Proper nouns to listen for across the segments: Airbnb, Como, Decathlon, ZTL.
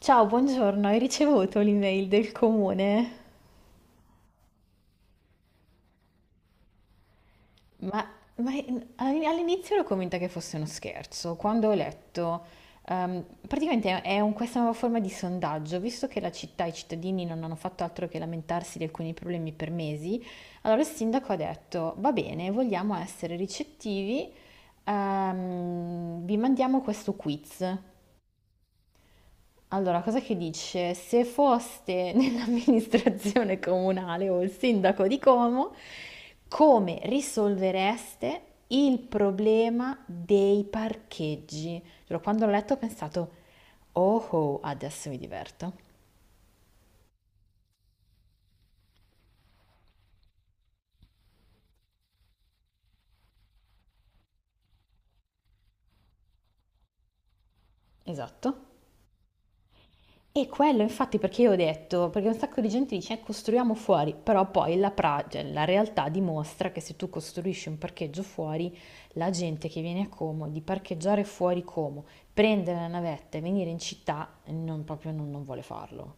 Ciao, buongiorno, hai ricevuto l'email del comune? Ma, All'inizio l'ho convinta che fosse uno scherzo, quando ho letto, praticamente è questa nuova forma di sondaggio, visto che la città e i cittadini non hanno fatto altro che lamentarsi di alcuni problemi per mesi. Allora il sindaco ha detto, va bene, vogliamo essere ricettivi, vi mandiamo questo quiz. Allora, cosa che dice? Se foste nell'amministrazione comunale o il sindaco di Como, come risolvereste il problema dei parcheggi? Giuro, quando l'ho letto ho pensato, oh, oh, adesso mi diverto. Esatto. E quello infatti perché io ho detto, perché un sacco di gente dice costruiamo fuori, però poi cioè, la realtà dimostra che se tu costruisci un parcheggio fuori, la gente che viene a Como, di parcheggiare fuori Como, prendere la navetta e venire in città, non, proprio non vuole farlo.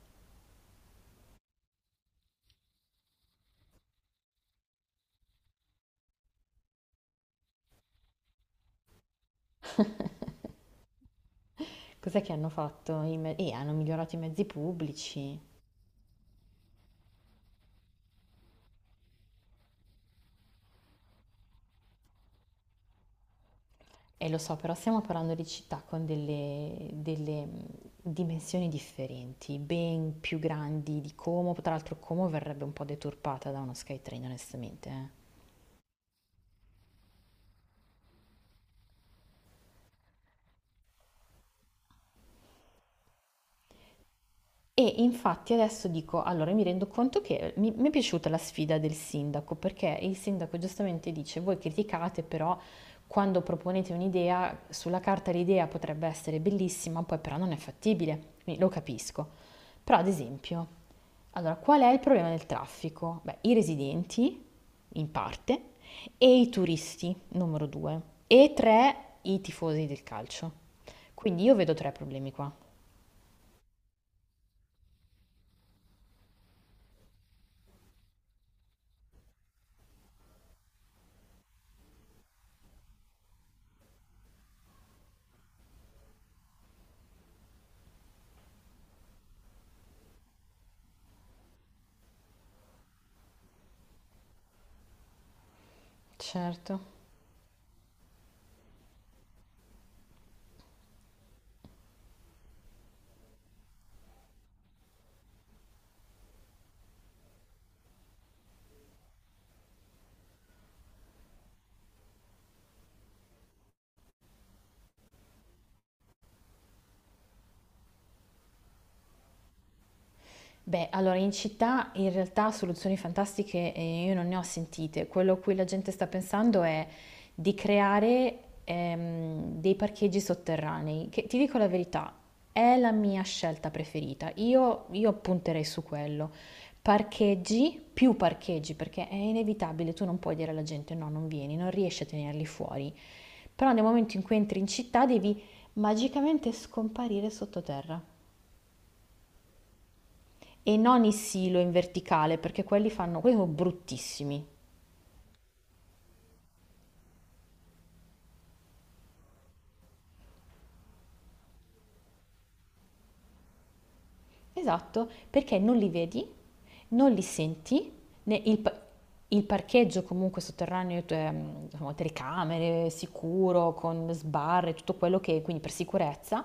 Cos'è che hanno fatto? Hanno migliorato i mezzi pubblici. E lo so, però stiamo parlando di città con dimensioni differenti, ben più grandi di Como. Tra l'altro Como verrebbe un po' deturpata da uno SkyTrain, onestamente. Eh. E infatti adesso dico, allora mi rendo conto che mi è piaciuta la sfida del sindaco, perché il sindaco giustamente dice, voi criticate, però quando proponete un'idea, sulla carta l'idea potrebbe essere bellissima, poi però non è fattibile, quindi lo capisco. Però ad esempio, allora qual è il problema del traffico? Beh, i residenti, in parte, e i turisti, numero due, e tre, i tifosi del calcio. Quindi io vedo tre problemi qua. Certo. Beh, allora in città in realtà soluzioni fantastiche, io non ne ho sentite. Quello a cui la gente sta pensando è di creare, dei parcheggi sotterranei, che ti dico la verità, è la mia scelta preferita. Io punterei su quello. Parcheggi, più parcheggi, perché è inevitabile, tu non puoi dire alla gente no, non vieni, non riesci a tenerli fuori. Però nel momento in cui entri in città devi magicamente scomparire sottoterra. E non i silo in verticale, perché quelli fanno, quelli sono bruttissimi. Esatto, perché non li vedi, non li senti, né il parcheggio comunque sotterraneo, insomma, telecamere, sicuro, con sbarre, tutto quello che, quindi per sicurezza.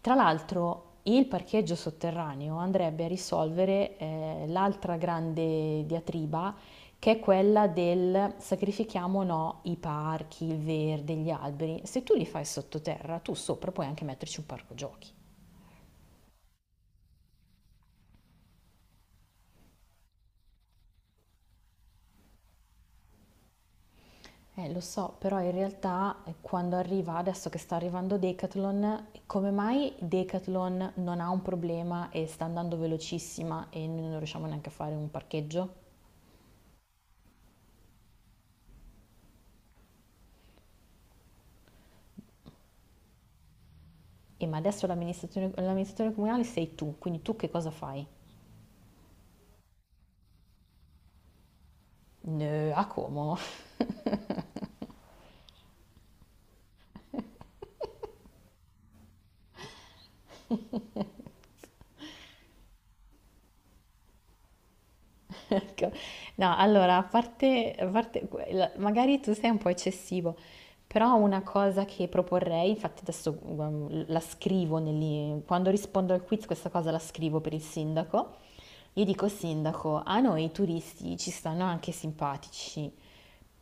Tra l'altro il parcheggio sotterraneo andrebbe a risolvere l'altra grande diatriba che è quella del sacrifichiamo o no i parchi, il verde, gli alberi. Se tu li fai sottoterra, tu sopra puoi anche metterci un parco giochi. Lo so, però in realtà quando arriva, adesso che sta arrivando Decathlon, come mai Decathlon non ha un problema e sta andando velocissima e noi non riusciamo neanche a fare un parcheggio? E ma adesso l'amministratore comunale sei tu, quindi tu che cosa fai? "No, a Como? Ecco. No, allora, a parte magari tu sei un po' eccessivo, però una cosa che proporrei, infatti adesso la scrivo, quando rispondo al quiz questa cosa la scrivo per il sindaco, gli dico, sindaco, a noi i turisti ci stanno anche simpatici.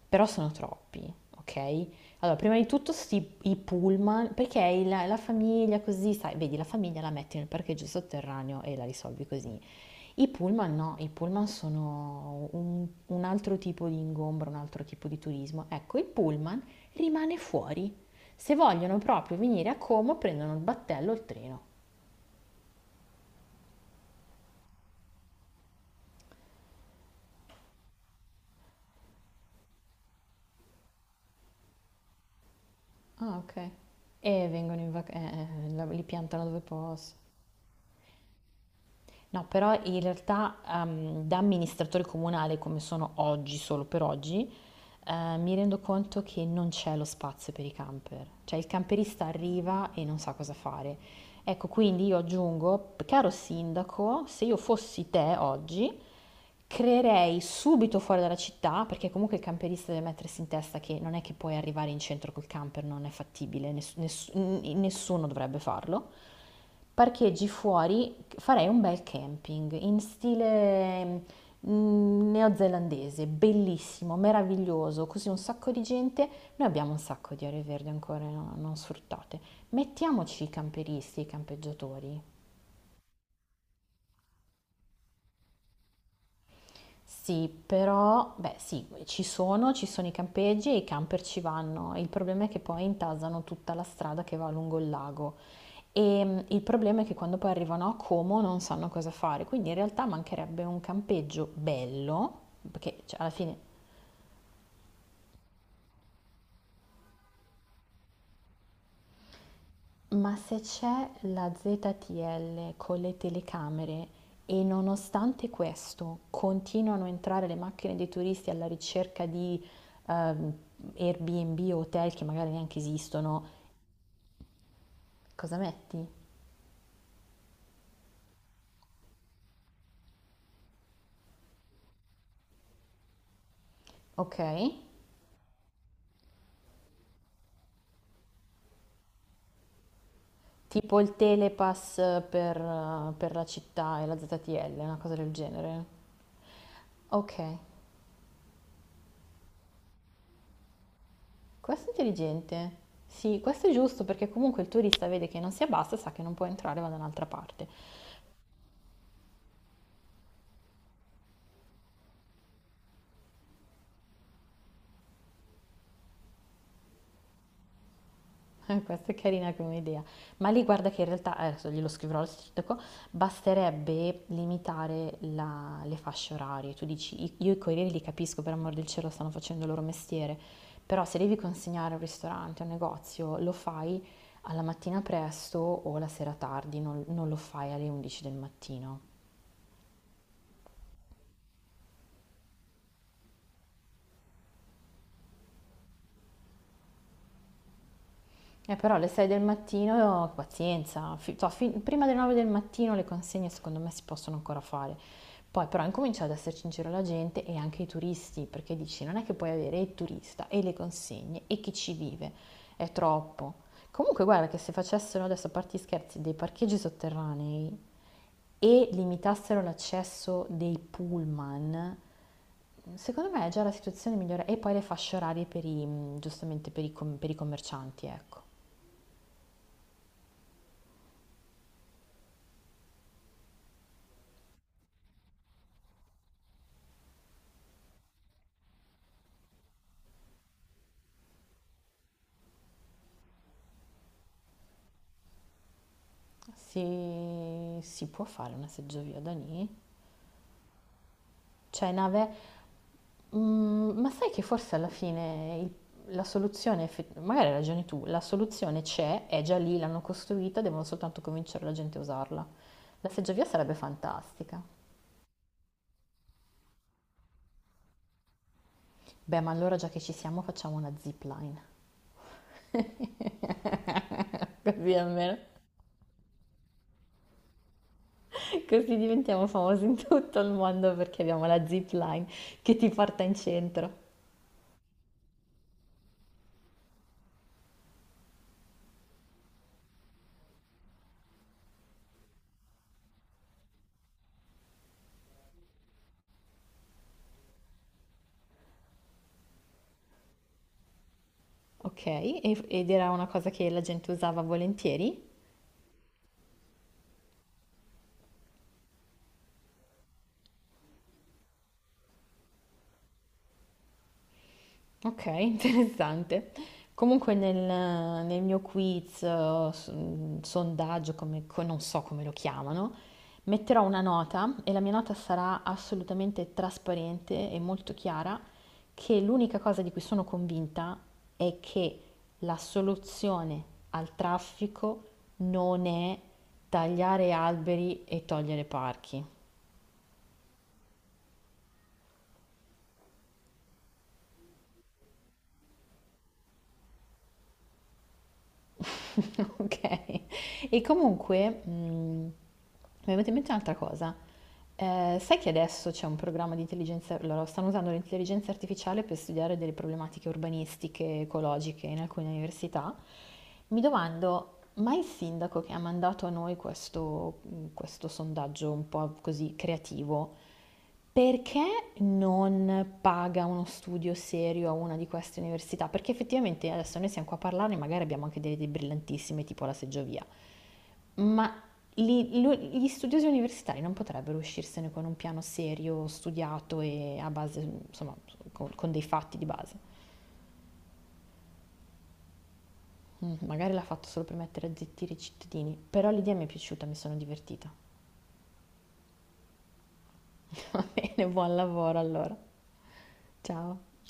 Però sono troppi, ok? Allora, prima di tutto i pullman, perché la famiglia così, sai, vedi, la famiglia la metti nel parcheggio sotterraneo e la risolvi così. I pullman no, i pullman sono un altro tipo di ingombro, un altro tipo di turismo. Ecco, il pullman rimane fuori. Se vogliono proprio venire a Como, prendono il battello o il treno. Ah, ok. E vengono in vacanza, li piantano dove posso. No, però in realtà da amministratore comunale come sono oggi, solo per oggi, mi rendo conto che non c'è lo spazio per i camper. Cioè il camperista arriva e non sa cosa fare. Ecco, quindi io aggiungo, caro sindaco, se io fossi te oggi, creerei subito fuori dalla città, perché comunque il camperista deve mettersi in testa che non è che puoi arrivare in centro col camper, non è fattibile, nessuno dovrebbe farlo. Parcheggi fuori, farei un bel camping in stile neozelandese, bellissimo, meraviglioso, così un sacco di gente. Noi abbiamo un sacco di aree verdi ancora non sfruttate. Mettiamoci i camperisti, i campeggiatori. Sì, però, beh, sì, ci sono i campeggi e i camper ci vanno. Il problema è che poi intasano tutta la strada che va lungo il lago. E il problema è che quando poi arrivano a Como non sanno cosa fare, quindi in realtà mancherebbe un campeggio bello, perché cioè, alla fine. Ma se c'è la ZTL con le telecamere e nonostante questo continuano a entrare le macchine dei turisti alla ricerca di ehm, Airbnb o hotel che magari neanche esistono, cosa metti? Ok? Tipo il telepass per la città e la ZTL, una cosa del genere. Ok, questo è intelligente. Sì, questo è giusto perché comunque il turista vede che non si abbassa e sa che non può entrare, va da un'altra parte. Questa è carina come idea, ma lì guarda che in realtà, adesso glielo scriverò al sindaco, basterebbe limitare le fasce orarie. Tu dici, "Io i corrieri li capisco, per amor del cielo stanno facendo il loro mestiere, però se devi consegnare a un ristorante, a un negozio, lo fai alla mattina presto o la sera tardi, non lo fai alle 11 del mattino. Però alle 6 del mattino, pazienza, prima delle 9 del mattino le consegne secondo me si possono ancora fare. Poi però incomincia ad esserci in giro la gente e anche i turisti, perché dici non è che puoi avere il turista e le consegne e chi ci vive, è troppo. Comunque guarda che se facessero adesso, a parte gli scherzi, dei parcheggi sotterranei e limitassero l'accesso dei pullman, secondo me è già la situazione migliore. E poi le fasce orarie per i, giustamente per i commercianti, ecco. Si può fare una seggiovia da lì? Cioè, nave, ma sai che forse alla fine la soluzione, magari hai ragione tu, la soluzione c'è, è già lì, l'hanno costruita, devono soltanto convincere la gente a usarla. La seggiovia sarebbe fantastica. Beh, ma allora già che ci siamo facciamo una zipline. Così almeno, così diventiamo famosi in tutto il mondo perché abbiamo la zipline che ti porta in centro. Ok, e- ed era una cosa che la gente usava volentieri? Ok, interessante. Comunque nel, nel mio quiz, sondaggio, come, non so come lo chiamano, metterò una nota e la mia nota sarà assolutamente trasparente e molto chiara che l'unica cosa di cui sono convinta è che la soluzione al traffico non è tagliare alberi e togliere parchi. Ok. E comunque, mi è venuta in mente un'altra cosa. Sai che adesso c'è un programma di intelligenza loro stanno usando l'intelligenza artificiale per studiare delle problematiche urbanistiche, ecologiche in alcune università. Mi domando: ma il sindaco che ha mandato a noi questo sondaggio un po' così creativo, perché non paga uno studio serio a una di queste università? Perché effettivamente adesso noi siamo qua a parlarne, magari abbiamo anche delle idee brillantissime, tipo la seggiovia, ma gli studiosi universitari non potrebbero uscirsene con un piano serio, studiato e a base, insomma, con dei fatti di base. Magari l'ha fatto solo per mettere a zittire i cittadini, però l'idea mi è piaciuta, mi sono divertita. Va bene, buon lavoro allora. Ciao.